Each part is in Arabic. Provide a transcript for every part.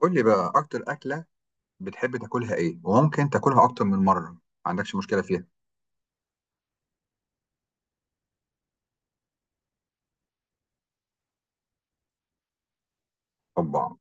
قول لي بقى اكتر اكله بتحب تاكلها ايه، وممكن تاكلها اكتر من مره ما عندكش مشكله فيها؟ طبعا.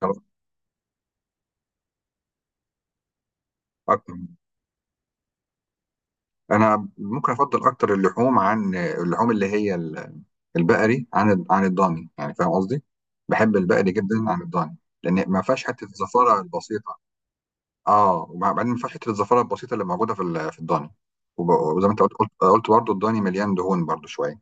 خلاص، اكتر. انا ممكن افضل اكتر اللحوم عن اللحوم اللي هي البقري عن الضاني، يعني فاهم قصدي؟ بحب البقري جدا عن الضاني، لان ما فيهاش حته الزفاره البسيطه. اه، وبعدين ما فيهاش حته الزفاره البسيطه اللي موجوده في في الضاني. وب- وزي ما انت قلت برضه الضاني مليان دهون برضه شويه.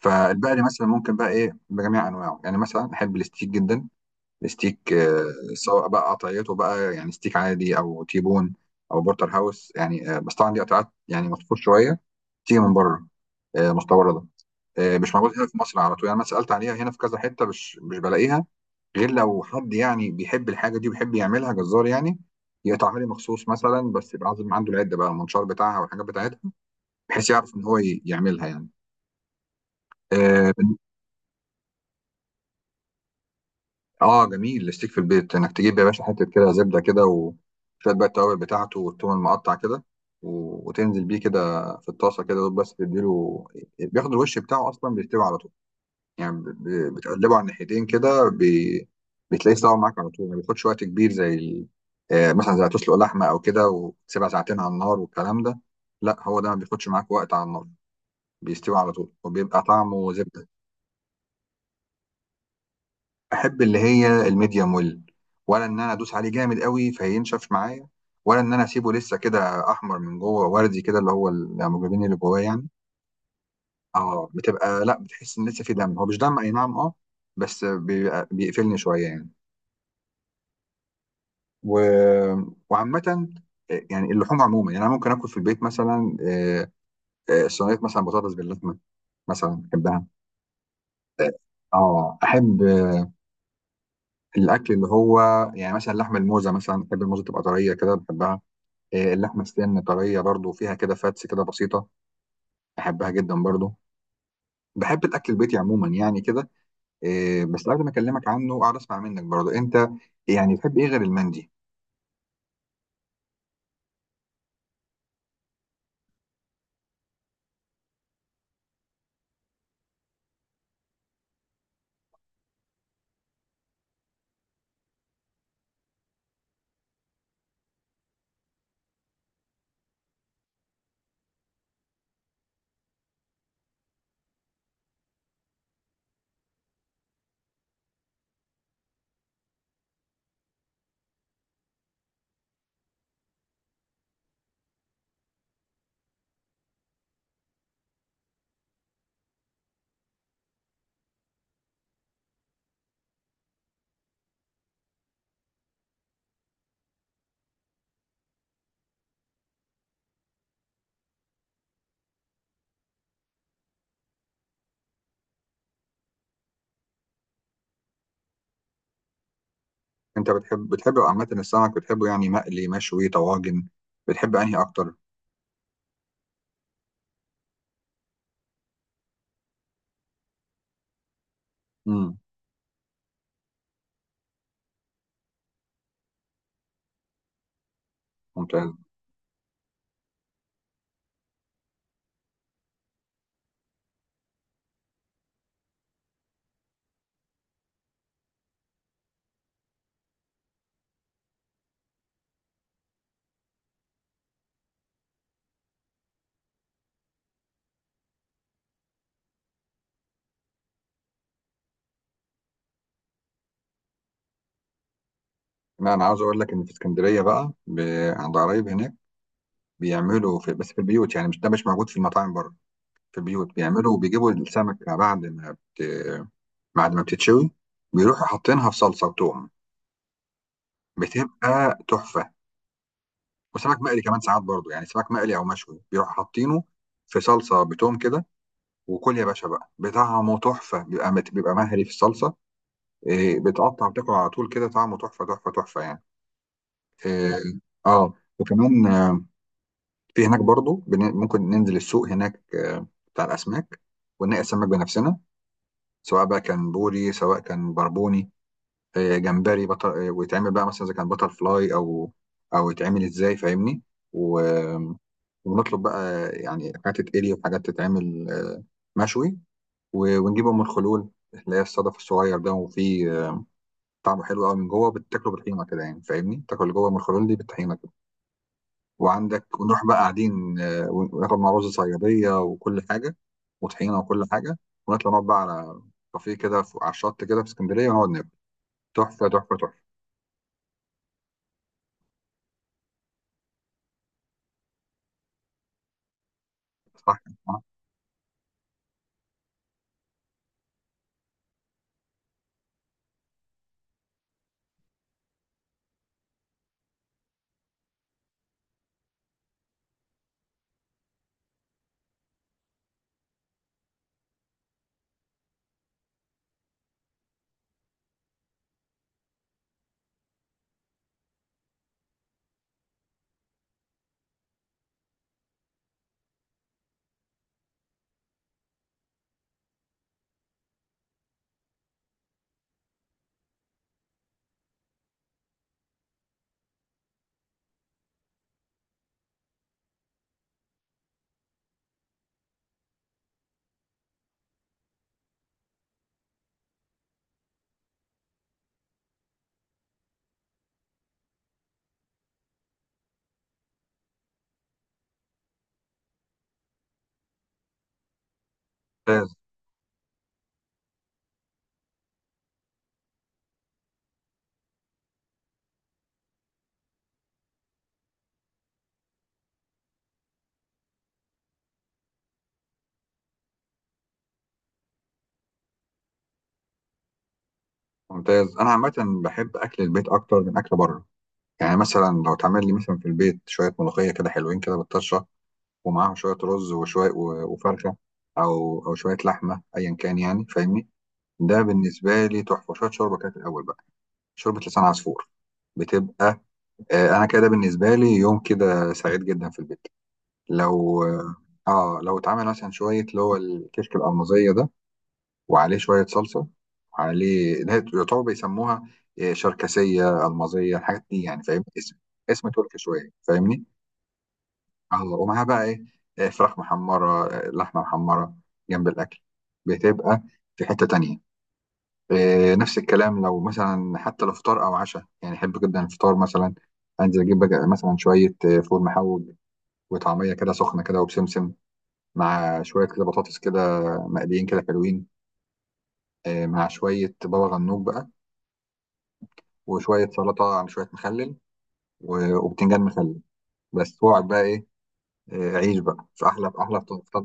فالبقري مثلا ممكن بقى ايه، بجميع انواعه، يعني مثلا احب الستيك جدا. ستيك. سواء بقى قطعيته بقى، يعني ستيك عادي او تيبون او بورتر هاوس يعني. بس طبعا دي قطعات يعني مطفوط شويه، تيجي من بره. مستورده. مش موجود هنا في مصر على طول، يعني انا سالت عليها هنا في كذا حته مش بلاقيها، غير لو حد يعني بيحب الحاجه دي وبيحب يعملها جزار يعني يقطعها لي مخصوص مثلا، بس يبقى عازم عنده العده بقى، المنشار بتاعها والحاجات بتاعتها، بحيث يعرف ان هو يعملها يعني. آه، اه، جميل. الستيك في البيت انك تجيب يا باشا حته كده زبده كده، وشويه بقى التوابل بتاعته والثوم المقطع كده، وتنزل بيه كده في الطاسه كده، دوب بس تديله بياخد الوش بتاعه، اصلا بيستوي على طول، يعني بتقلبه على الناحيتين كده، بتلاقيه استوى معاك على طول، ما بياخدش وقت كبير زي ال... آه، مثلا زي تسلق لحمه او كده، وتسيبها ساعتين على النار والكلام ده. لا، هو ده ما بياخدش معاك وقت على النار، بيستوي على طول وبيبقى طعمه زبده. احب اللي هي الميديم ويل، ولا ان انا ادوس عليه جامد قوي فينشف معايا، ولا ان انا اسيبه لسه كده احمر من جوه، وردي كده، اللي هو الهيموجلوبين اللي جواه يعني. اه، بتبقى، لا بتحس ان لسه في دم، هو مش دم، اي نعم، اه، بس بيبقى بيقفلني شويه يعني. و... وعامه، يعني اللحوم عموما يعني، انا ممكن اكل في البيت مثلا. صينيه مثلا بطاطس باللحمه، مثلا بحبها. اه، احب الاكل اللي هو، يعني مثلا لحم الموزه، مثلا بحب الموزه تبقى طريه كده، بحبها. إيه، اللحمه السن طريه برضو، فيها كده فاتس كده بسيطه، بحبها جدا برضو. بحب الاكل البيتي عموما يعني كده. إيه، بس قبل ما اكلمك عنه اقعد اسمع منك برضو انت، يعني بتحب ايه غير المندي؟ انت بتحب عامه السمك، بتحبه يعني مقلي، مشوي، طواجن؟ بتحب انهي اكتر؟ امم. ممتاز. لا، انا عاوز اقول لك ان في اسكندريه بقى، عند قرايب هناك بيعملوا، بس في البيوت يعني، مش ده مش موجود في المطاعم بره. في البيوت بيجيبوا السمكه بعد ما بعد ما بتتشوي، بيروحوا حاطينها في صلصه وتوم، بتبقى تحفه. وسمك مقلي كمان ساعات برضو، يعني سمك مقلي او مشوي بيروح حاطينه في صلصه بتوم كده، وكل يا باشا بقى بطعمه تحفه، بيبقى مهري في الصلصه. إيه، بتقطع وتاكل على طول كده، طعمه تحفه تحفه تحفه يعني. إيه، اه، وكمان، في هناك برضو، ممكن ننزل السوق هناك، بتاع الاسماك، ونلاقي السمك بنفسنا، سواء بقى كان بوري سواء كان بربوني، جمبري بطل. ويتعمل بقى مثلا اذا كان بطل فلاي، او يتعمل ازاي فاهمني، و... ونطلب بقى يعني حاجات تتقلي وحاجات تتعمل مشوي، ونجيب ام الخلول، اللي هي الصدف الصغير ده، وفيه طعمه حلو قوي من جوه، بتاكله بالطحينه كده يعني فاهمني، تاكل اللي جوه ام الخلول دي بالطحينه كده، ونروح بقى قاعدين، وناكل مع رز صياديه وكل حاجه، وطحينه وكل حاجه، ونطلع نقعد بقى على كافيه كده، على الشط كده في اسكندريه، ونقعد ناكل، تحفه تحفه تحفه. صح. ممتاز. ممتاز. انا عامه بحب اكل البيت اكتر من اكل بره. يعني مثلا لو تعمل لي مثلا في البيت شوية ملوخية كده حلوين كده بالطشة، ومعاهم شوية رز وشوية وفرخة، أو شوية لحمة أيا كان يعني فاهمني، ده بالنسبة لي تحفة. شوية شوربة كده في الأول بقى، شوربة لسان عصفور. بتبقى آه أنا كده بالنسبة لي يوم كده سعيد جدا في البيت، لو لو اتعمل مثلا شوية اللي هو الكشك الألمازية ده، وعليه شوية صلصة، وعليه، ده يعتبر بيسموها شركسية، ألمازية، الحاجات دي، يعني فاهم اسم تركي شوية فاهمني. اه، ومعاها بقى ايه، فراخ محمرة، لحمة محمرة جنب الأكل، بتبقى في حتة تانية. نفس الكلام لو مثلا حتى لو فطار أو عشاء يعني، أحب جدا الفطار مثلا، أنزل أجيب بقى مثلا شوية فول محوج وطعمية كده سخنة كده وبسمسم، مع شوية كده بطاطس كده مقليين كده حلوين، مع شوية بابا غنوج بقى، وشوية سلطة على شوية مخلل، وبتنجان مخلل بس، وأقعد بقى، إيه، عيش بقى في أحلى، فطار.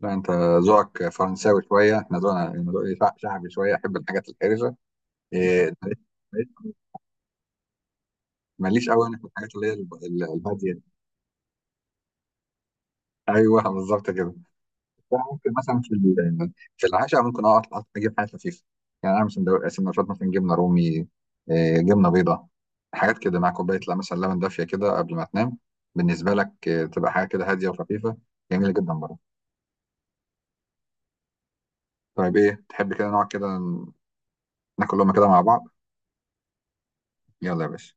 لا، انت ذوقك فرنساوي شويه، احنا ذوقنا ذوقي شعبي شويه، احب الحاجات الحرجه. إيه، ماليش، ماليش قوي انا في الحاجات اللي هي الهاديه دي. ايوه، بالظبط كده. أنا ممكن مثلا في العشاء ممكن أقعد اجيب حاجه خفيفه، يعني اعمل سندوتشات مثلا جبنه رومي، إيه، جبنه بيضاء، حاجات كده، مع كوبايه، لا مثلا، لبن دافيه كده قبل ما تنام. بالنسبه لك، تبقى حاجه كده هاديه وخفيفه، جميله جدا برضه. طيب، ايه تحب كده نقعد كده ناكل لقمه كده مع بعض؟ يلا يا باشا.